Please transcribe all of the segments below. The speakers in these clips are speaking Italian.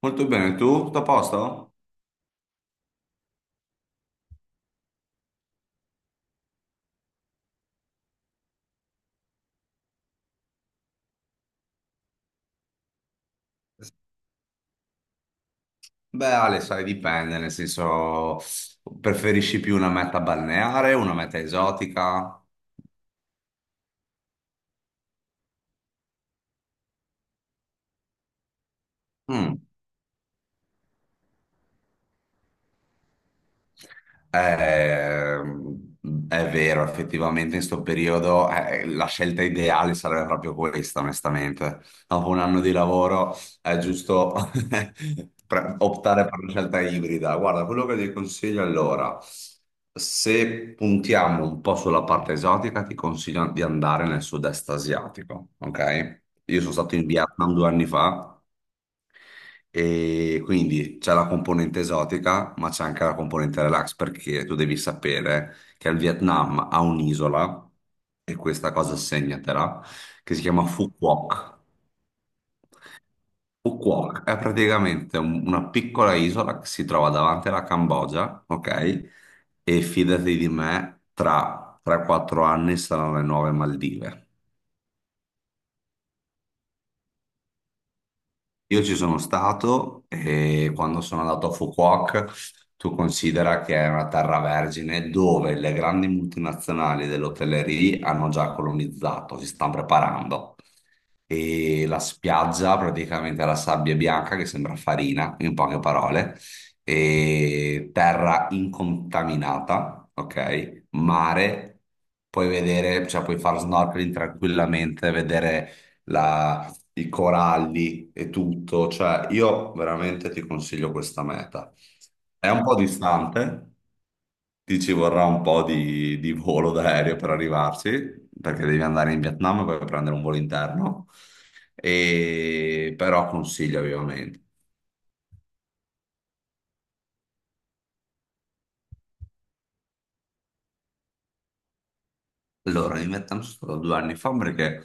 Molto bene, tu? Tutto a posto? Beh, Ale, sai, dipende, nel senso, preferisci più una meta balneare, una meta esotica? Mm. Eh, è vero, effettivamente in sto periodo la scelta ideale sarebbe proprio questa, onestamente. Dopo un anno di lavoro è giusto optare per una scelta ibrida. Guarda, quello che ti consiglio allora, se puntiamo un po' sulla parte esotica, ti consiglio di andare nel sud-est asiatico, ok? Io sono stato in Vietnam 2 anni fa e quindi c'è la componente esotica, ma c'è anche la componente relax, perché tu devi sapere che il Vietnam ha un'isola, e questa cosa segnatela, che si chiama Phu Quoc. Phu Quoc è praticamente una piccola isola che si trova davanti alla Cambogia, ok? E fidati di me, tra 3-4 anni saranno le nuove Maldive. Io ci sono stato e quando sono andato a Fukuoka, tu considera che è una terra vergine dove le grandi multinazionali dell'hotellerie hanno già colonizzato, si stanno preparando e la spiaggia praticamente è la sabbia bianca che sembra farina, in poche parole, e terra incontaminata, ok? Mare, puoi vedere, cioè puoi fare snorkeling tranquillamente, vedere i coralli e tutto, cioè io veramente ti consiglio questa meta. È un po' distante, ti ci vorrà un po' di volo d'aereo per arrivarci, perché devi andare in Vietnam e poi prendere un volo interno, e però consiglio vivamente. Allora, in Vietnam sono stato 2 anni fa perché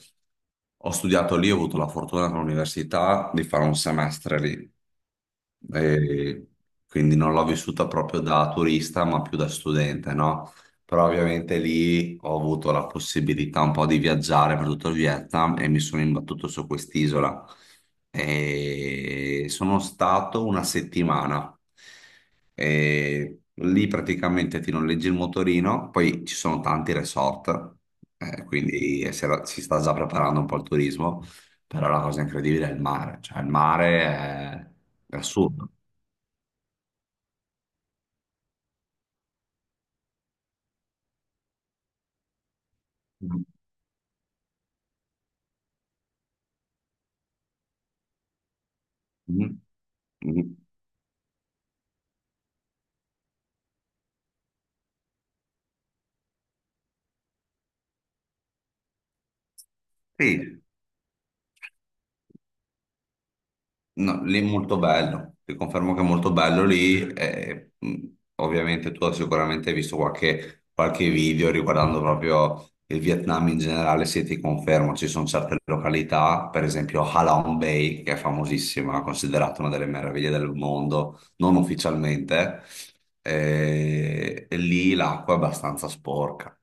ho studiato lì, ho avuto la fortuna con l'università di fare un semestre lì, e quindi non l'ho vissuta proprio da turista, ma più da studente, no? Però ovviamente lì ho avuto la possibilità un po' di viaggiare per tutto il Vietnam e mi sono imbattuto su quest'isola. E sono stato una settimana. E lì praticamente ti noleggi il motorino, poi ci sono tanti resort, quindi si sta già preparando un po' il turismo, però la cosa incredibile è il mare, cioè il mare è assurdo. Mhm. Mhm. Sì, no, lì è molto bello, ti confermo che è molto bello lì, e, ovviamente tu sicuramente hai visto qualche video riguardando proprio il Vietnam in generale, se ti confermo ci sono certe località, per esempio Ha Long Bay, che è famosissima, considerata una delle meraviglie del mondo, non ufficialmente, e lì l'acqua è abbastanza sporca.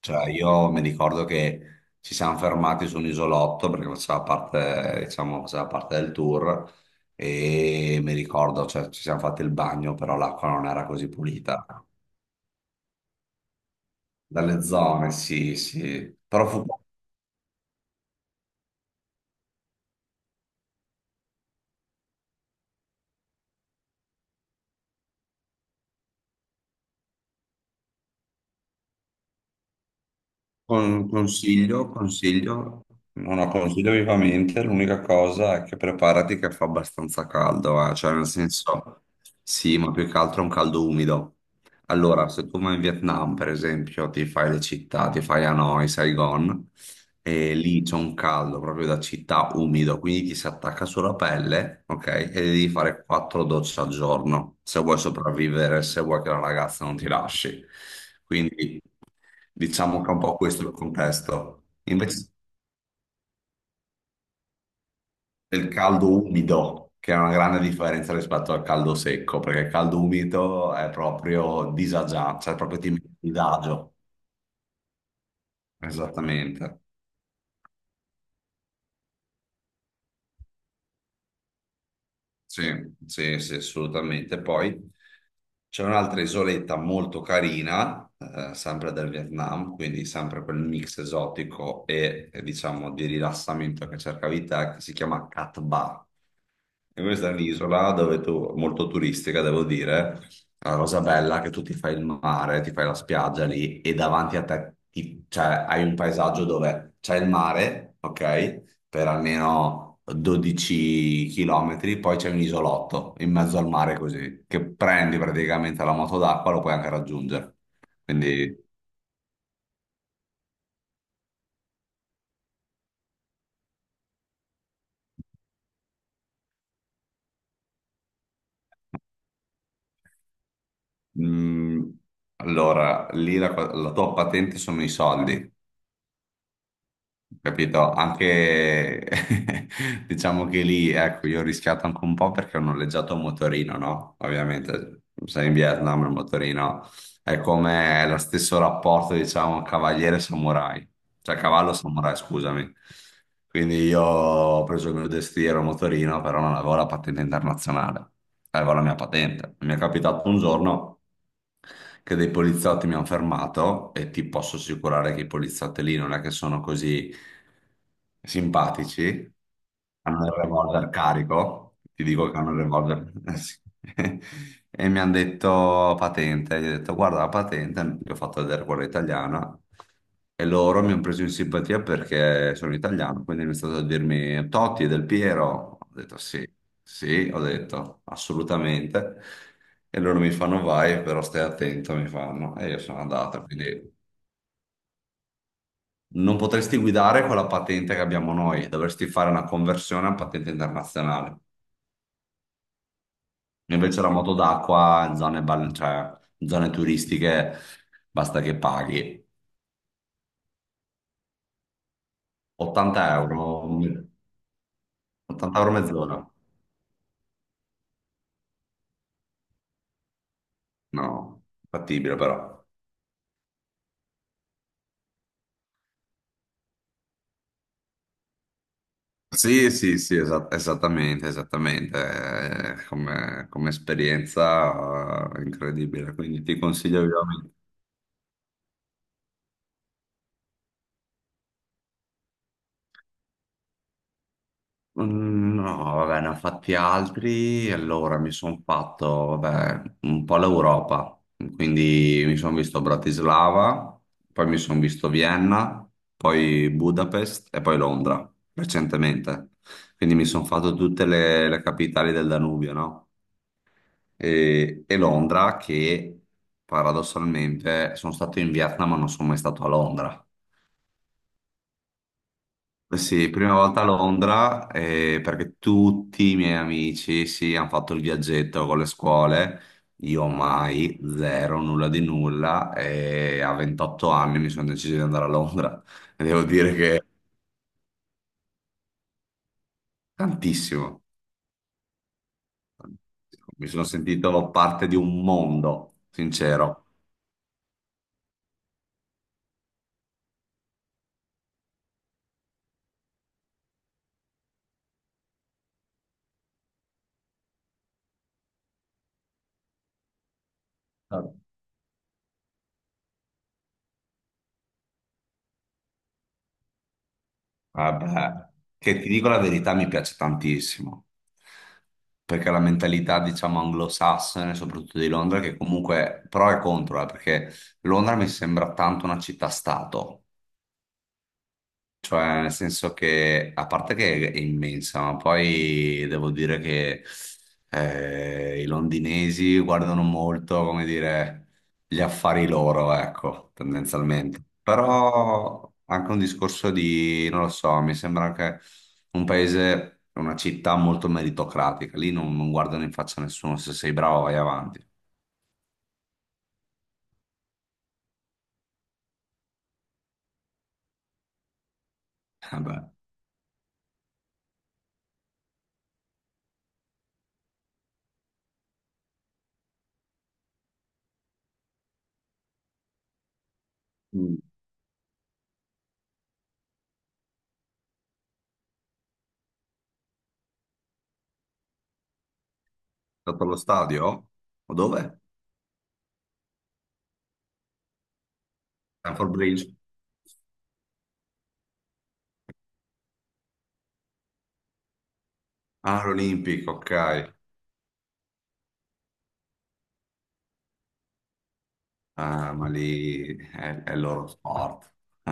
Cioè, io mi ricordo che ci siamo fermati su un isolotto perché faceva parte, diciamo, faceva parte del tour e mi ricordo, cioè, ci siamo fatti il bagno, però l'acqua non era così pulita. Dalle zone, sì, sì. Però fu consiglio, no, no, consiglio vivamente, l'unica cosa è che preparati che fa abbastanza caldo, cioè nel senso, sì, ma più che altro è un caldo umido. Allora, se tu vai in Vietnam, per esempio, ti fai le città, ti fai Hanoi, Saigon, e lì c'è un caldo proprio da città umido, quindi ti si attacca sulla pelle, ok? E devi fare quattro docce al giorno, se vuoi sopravvivere, se vuoi che la ragazza non ti lasci. Quindi diciamo che è un po' questo il contesto. Invece del caldo umido, che è una grande differenza rispetto al caldo secco, perché il caldo umido è proprio disagiato, cioè proprio ti metti a disagio. Esattamente. Sì, sì, sì, assolutamente. Poi c'è un'altra isoletta molto carina, sempre del Vietnam, quindi sempre quel mix esotico e, diciamo di rilassamento che cercavi te, che si chiama Cat Ba. E questa è un'isola dove tu, molto turistica, devo dire. La cosa bella è che tu ti fai il mare, ti fai la spiaggia lì e davanti a te cioè, hai un paesaggio dove c'è il mare, ok? Per almeno 12 km, poi c'è un isolotto in mezzo al mare così, che prendi praticamente la moto d'acqua, lo puoi anche raggiungere. Quindi, mm, allora, lì la tua patente sono i soldi. Capito? Anche diciamo che lì, ecco, io ho rischiato anche un po' perché ho noleggiato un motorino, no? Ovviamente, sei in Vietnam, il motorino è come lo stesso rapporto, diciamo, cavaliere-samurai, cioè cavallo-samurai, scusami. Quindi io ho preso il mio destriero motorino, però non avevo la patente internazionale, avevo la mia patente. Mi è capitato un giorno che dei poliziotti mi hanno fermato e ti posso assicurare che i poliziotti lì non è che sono così simpatici, hanno il revolver carico, ti dico che hanno il revolver, eh sì. E mi hanno detto patente, gli ho detto guarda la patente, gli ho fatto vedere quella italiana e loro mi hanno preso in simpatia perché sono italiano, quindi mi è stato a dirmi Totti è Del Piero, ho detto sì, sì, ho detto assolutamente. E loro mi fanno vai, però stai attento, mi fanno. E io sono andato, quindi non potresti guidare con la patente che abbiamo noi, dovresti fare una conversione a patente internazionale. Invece la moto d'acqua in zone, cioè, in zone turistiche basta che paghi 80 euro, 80 euro mezz'ora. No, fattibile però. Sì, sì, sì, esattamente, esattamente. Come, come esperienza incredibile, quindi ti consiglio vivamente. No, vabbè, ne ho fatti altri. Allora mi sono fatto, vabbè, un po' l'Europa. Quindi mi sono visto Bratislava, poi mi sono visto Vienna, poi Budapest e poi Londra, recentemente. Quindi mi sono fatto tutte le capitali del Danubio, no? E Londra, che paradossalmente sono stato in Vietnam, ma non sono mai stato a Londra. Eh sì, prima volta a Londra perché tutti i miei amici sì, hanno fatto il viaggetto con le scuole, io mai, zero, nulla di nulla e a 28 anni mi sono deciso di andare a Londra e devo dire che tantissimo, mi sono sentito parte di un mondo, sincero. Vabbè, che ti dico la verità, mi piace tantissimo, perché la mentalità, diciamo, anglosassone, soprattutto di Londra, che comunque pro e contro, perché Londra mi sembra tanto una città-stato. Cioè, nel senso che, a parte che è immensa, ma poi devo dire che i londinesi guardano molto, come dire, gli affari loro, ecco, tendenzialmente. Però anche un discorso di, non lo so, mi sembra anche un paese, una città molto meritocratica. Lì non guardano in faccia a nessuno, se sei bravo vai avanti. Vabbè. Mm. Stato allo stadio? O dove? Stanford Bridge. Ah, l'Olympic, ok. Ah, ma lì è il loro sport.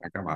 Anche a me.